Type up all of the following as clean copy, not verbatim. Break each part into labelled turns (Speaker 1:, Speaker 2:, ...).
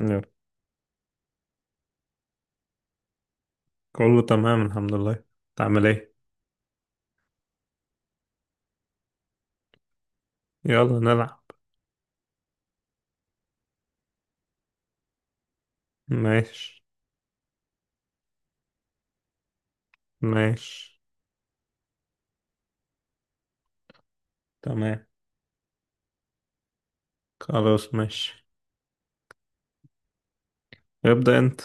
Speaker 1: يلا. كله تمام الحمد لله. تعمل ايه؟ يلا نلعب. ماشي. ماشي. تمام. خلاص ماشي. ابدأ انت.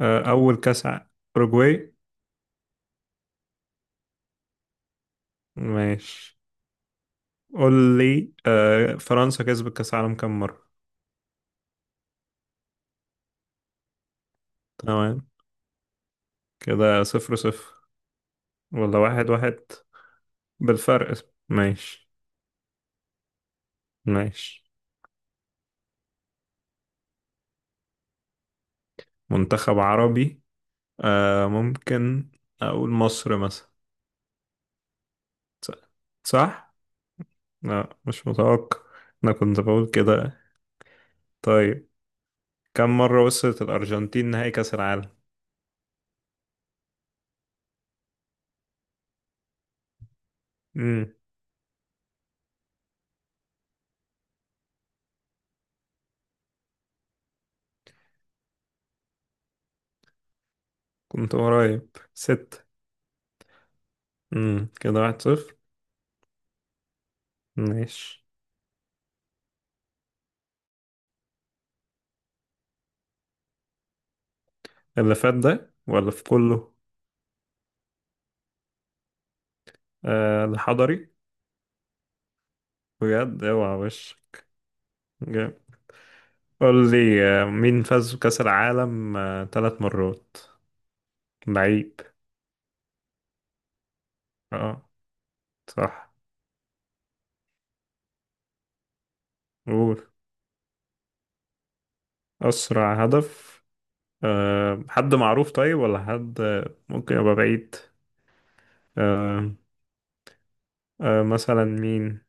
Speaker 1: اول كاس ع- اوروجواي. ماشي. قول لي، فرنسا كسبت كاس عالم كم مرة؟ تمام. كده صفر صفر ولا واحد واحد؟ بالفرق. ماشي. ماشي. منتخب عربي. ممكن اقول مصر مثلا. ص- صح؟ لا مش متوقع. انا كنت بقول كده. طيب، كم مرة وصلت الأرجنتين نهائي كأس العالم؟ امم كنت قريب ست. كده واحد صفر. ماشي. اللي فات ده ولا في كله؟ آه، الحضري. بجد اوعى وش. جامد. قول لي، مين فاز بكأس العالم ثلاث مرات لعيب؟ اه صح. قول. أسرع هدف. حد معروف طيب، ولا حد ممكن يبقى بعيد؟ آه. مثلا مين؟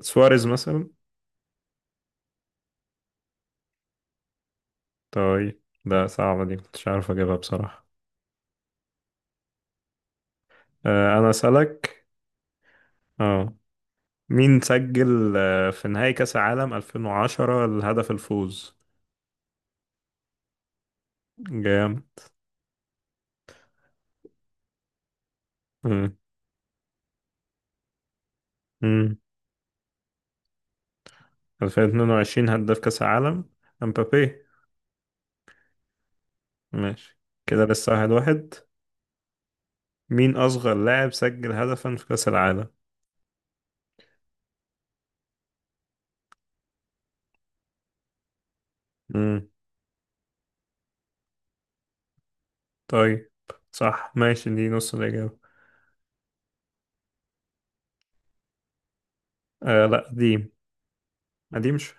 Speaker 1: سواريز مثلا. طيب، ده صعبة، دي كنتش عارف أجيبها بصراحة. أنا أسألك. اه مين سجل في نهائي كأس العالم 2010 الهدف الفوز؟ جام. مم. مم. 2022 هداف كأس العالم؟ امبابي. ماشي. كده لسه واحد واحد. مين أصغر لاعب سجل هدفا في كأس العالم؟ مم. طيب. صح ماشي، دي نص الإجابة. لا قديم. قديم شو...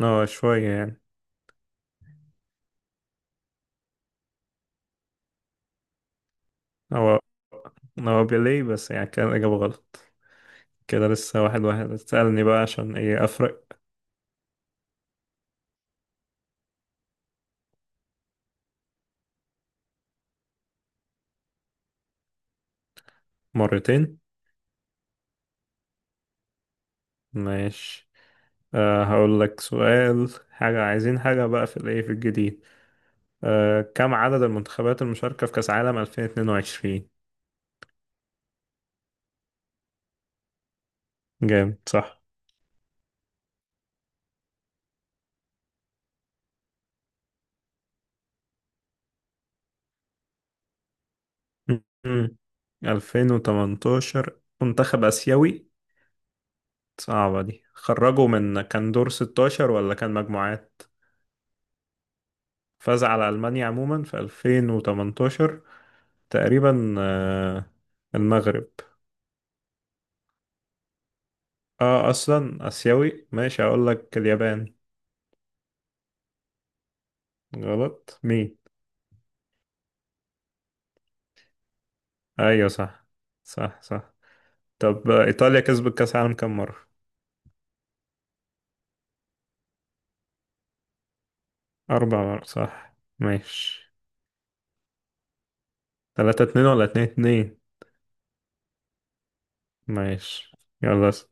Speaker 1: اه شوية يعني. هو هو بيليه، بس يعني كان الإجابة غلط. كده لسه واحد واحد. تسألني بقى عشان ايه أفرق. مرتين. ماشي. هقول لك سؤال، حاجة عايزين حاجة بقى في الايه، في الجديد. أه، كم عدد المنتخبات المشاركة في كأس عالم 2022؟ جامد صح. مم. 2018، منتخب آسيوي. صعبة دي، خرجوا من كان دور 16 ولا كان مجموعات؟ فاز على ألمانيا عموما في 2018. تقريبا المغرب. اه، اصلا اسيوي، ماشي اقول لك اليابان. غلط. مين؟ ايوه صح. صح. صح. طب ايطاليا كسبت كاس العالم كام مره؟ اربع مرات صح. ماشي. 3-2 ولا 2-2؟ ماشي يلا اسأل.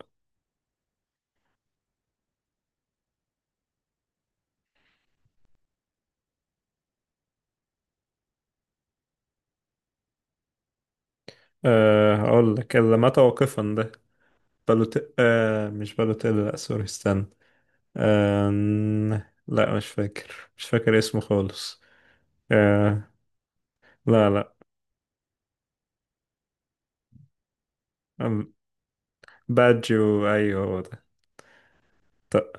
Speaker 1: هقول لك اللي مات واقفا ده. بالوت، أه مش بالوتيلي. لا سوري، استنى. أه. لا، مش فاكر، مش فاكر اسمه خالص. أه. لا لا. أم- باجيو، ايوه هو ده.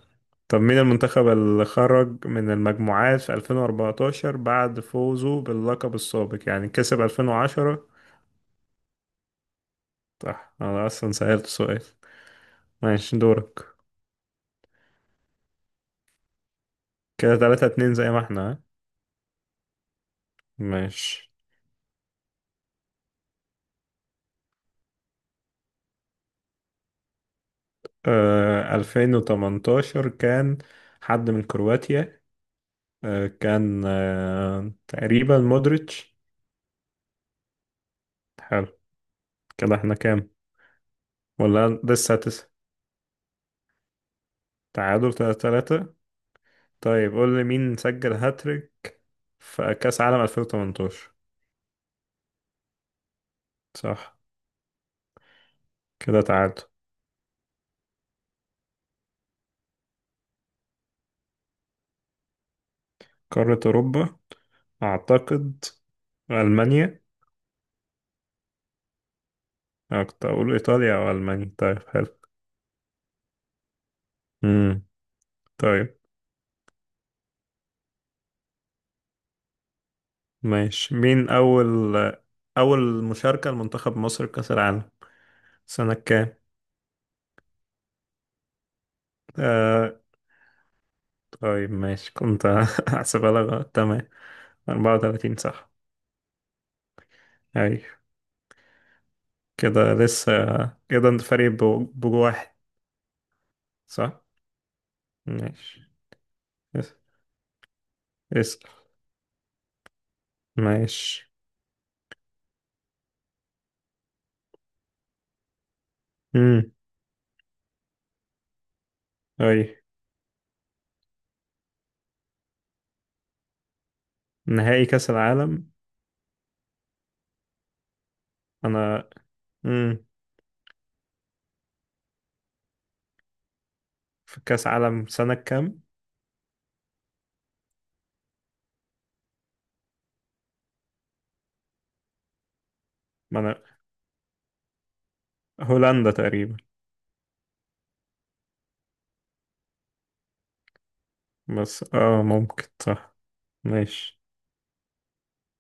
Speaker 1: طب، مين المنتخب اللي خرج من المجموعات في 2014 بعد فوزه باللقب السابق، يعني كسب 2010؟ صح، انا اصلا سألت سؤال. ماشي دورك. كده 3-2 زي ما احنا، ها؟ ماشي. 2018 كان حد من كرواتيا. كان تقريبا مودريتش. حلو. كده احنا كام؟ ولا لسه تسعة؟ تعادل 3-3. طيب قول لي، مين سجل هاتريك في كأس عالم 2018؟ صح. كده تعادل. قارة أوروبا. أعتقد ألمانيا. أنا كنت أقول إيطاليا أو ألمانيا. طيب حلو. امم. طيب ماشي. مين أول مشاركة لمنتخب مصر كأس العالم؟ سنة كام؟ آه... طيب ماشي، كنت هحسبها لك غلط. تمام. 34 صح. أيوة. كده لسه. كده أنت فريق بو- بجو واحد. صح؟ ماشي. اس- اسأل. ماشي. امم، أيوة. نهائي كأس العالم. أنا. امم. في كأس عالم سنة كام؟ ما أنا. هولندا تقريبا. بس ممكن صح. ماشي.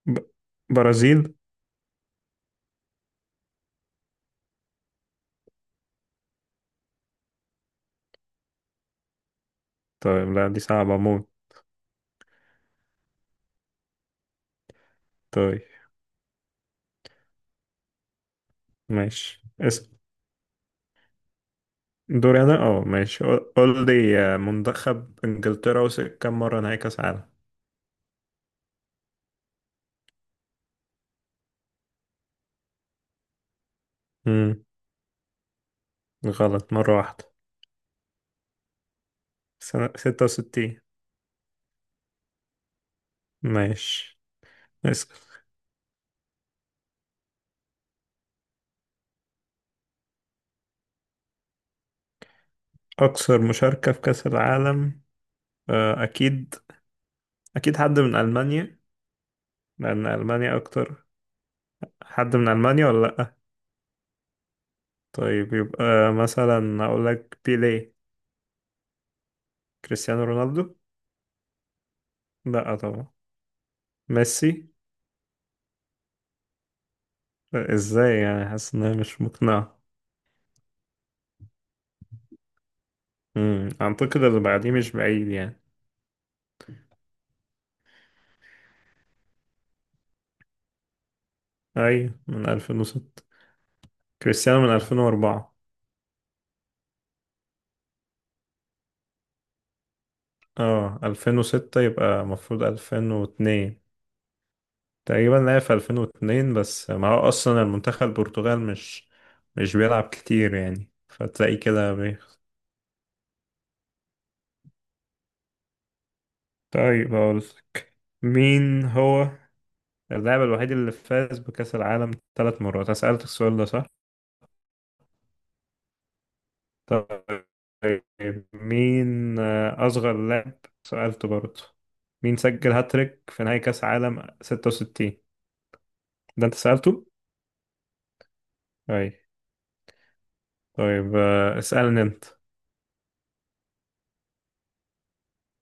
Speaker 1: ب... برازيل. طيب لا، دي صعبة موت. طيب ماشي اس... دوري أنا. اه ماشي. قول لي، منتخب إنجلترا وصل كام مرة نهائي كأس عالم؟ امم. غلط، مرة واحدة. سنة 66. ماشي اسأل. أكثر مشاركة في كأس العالم؟ أكيد. أكيد حد من ألمانيا، لأن ألمانيا أكتر. حد من ألمانيا ولا؟ طيب يبقى مثلا اقول لك بيليه. كريستيانو رونالدو. لا طبعا. ميسي. لا، ازاي يعني، حاسس انها مش مقنعة. اعتقد اللي بعديه مش بعيد يعني. اي، من 2006. كريستيانو من 2004. اه 2006 يبقى المفروض 2002. تقريبا لعب في 2002، بس ما هو اصلا المنتخب البرتغال مش بيلعب كتير يعني، فتلاقي كده بيخ... طيب اقول لك، مين هو اللاعب الوحيد اللي فاز بكأس العالم ثلاث مرات؟ أنا سألتك السؤال ده صح؟ طيب، مين أصغر لاعب. سألته برضه. مين سجل هاتريك في نهائي كأس عالم 66؟ ده أنت سألته؟ أي. طيب، اسألني أنت.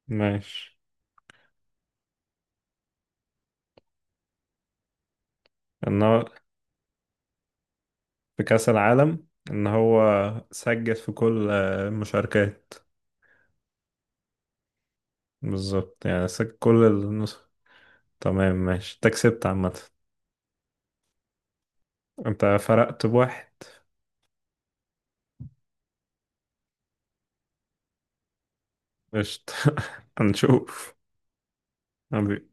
Speaker 1: ماشي. إن هو، في كأس العالم إن هو سجل في كل المشاركات. بالظبط، يعني سجل كل النسخ. تمام. ماشي، أنت كسبت عامة. أنت فرقت بواحد. قشطة. هنشوف. حبيبي.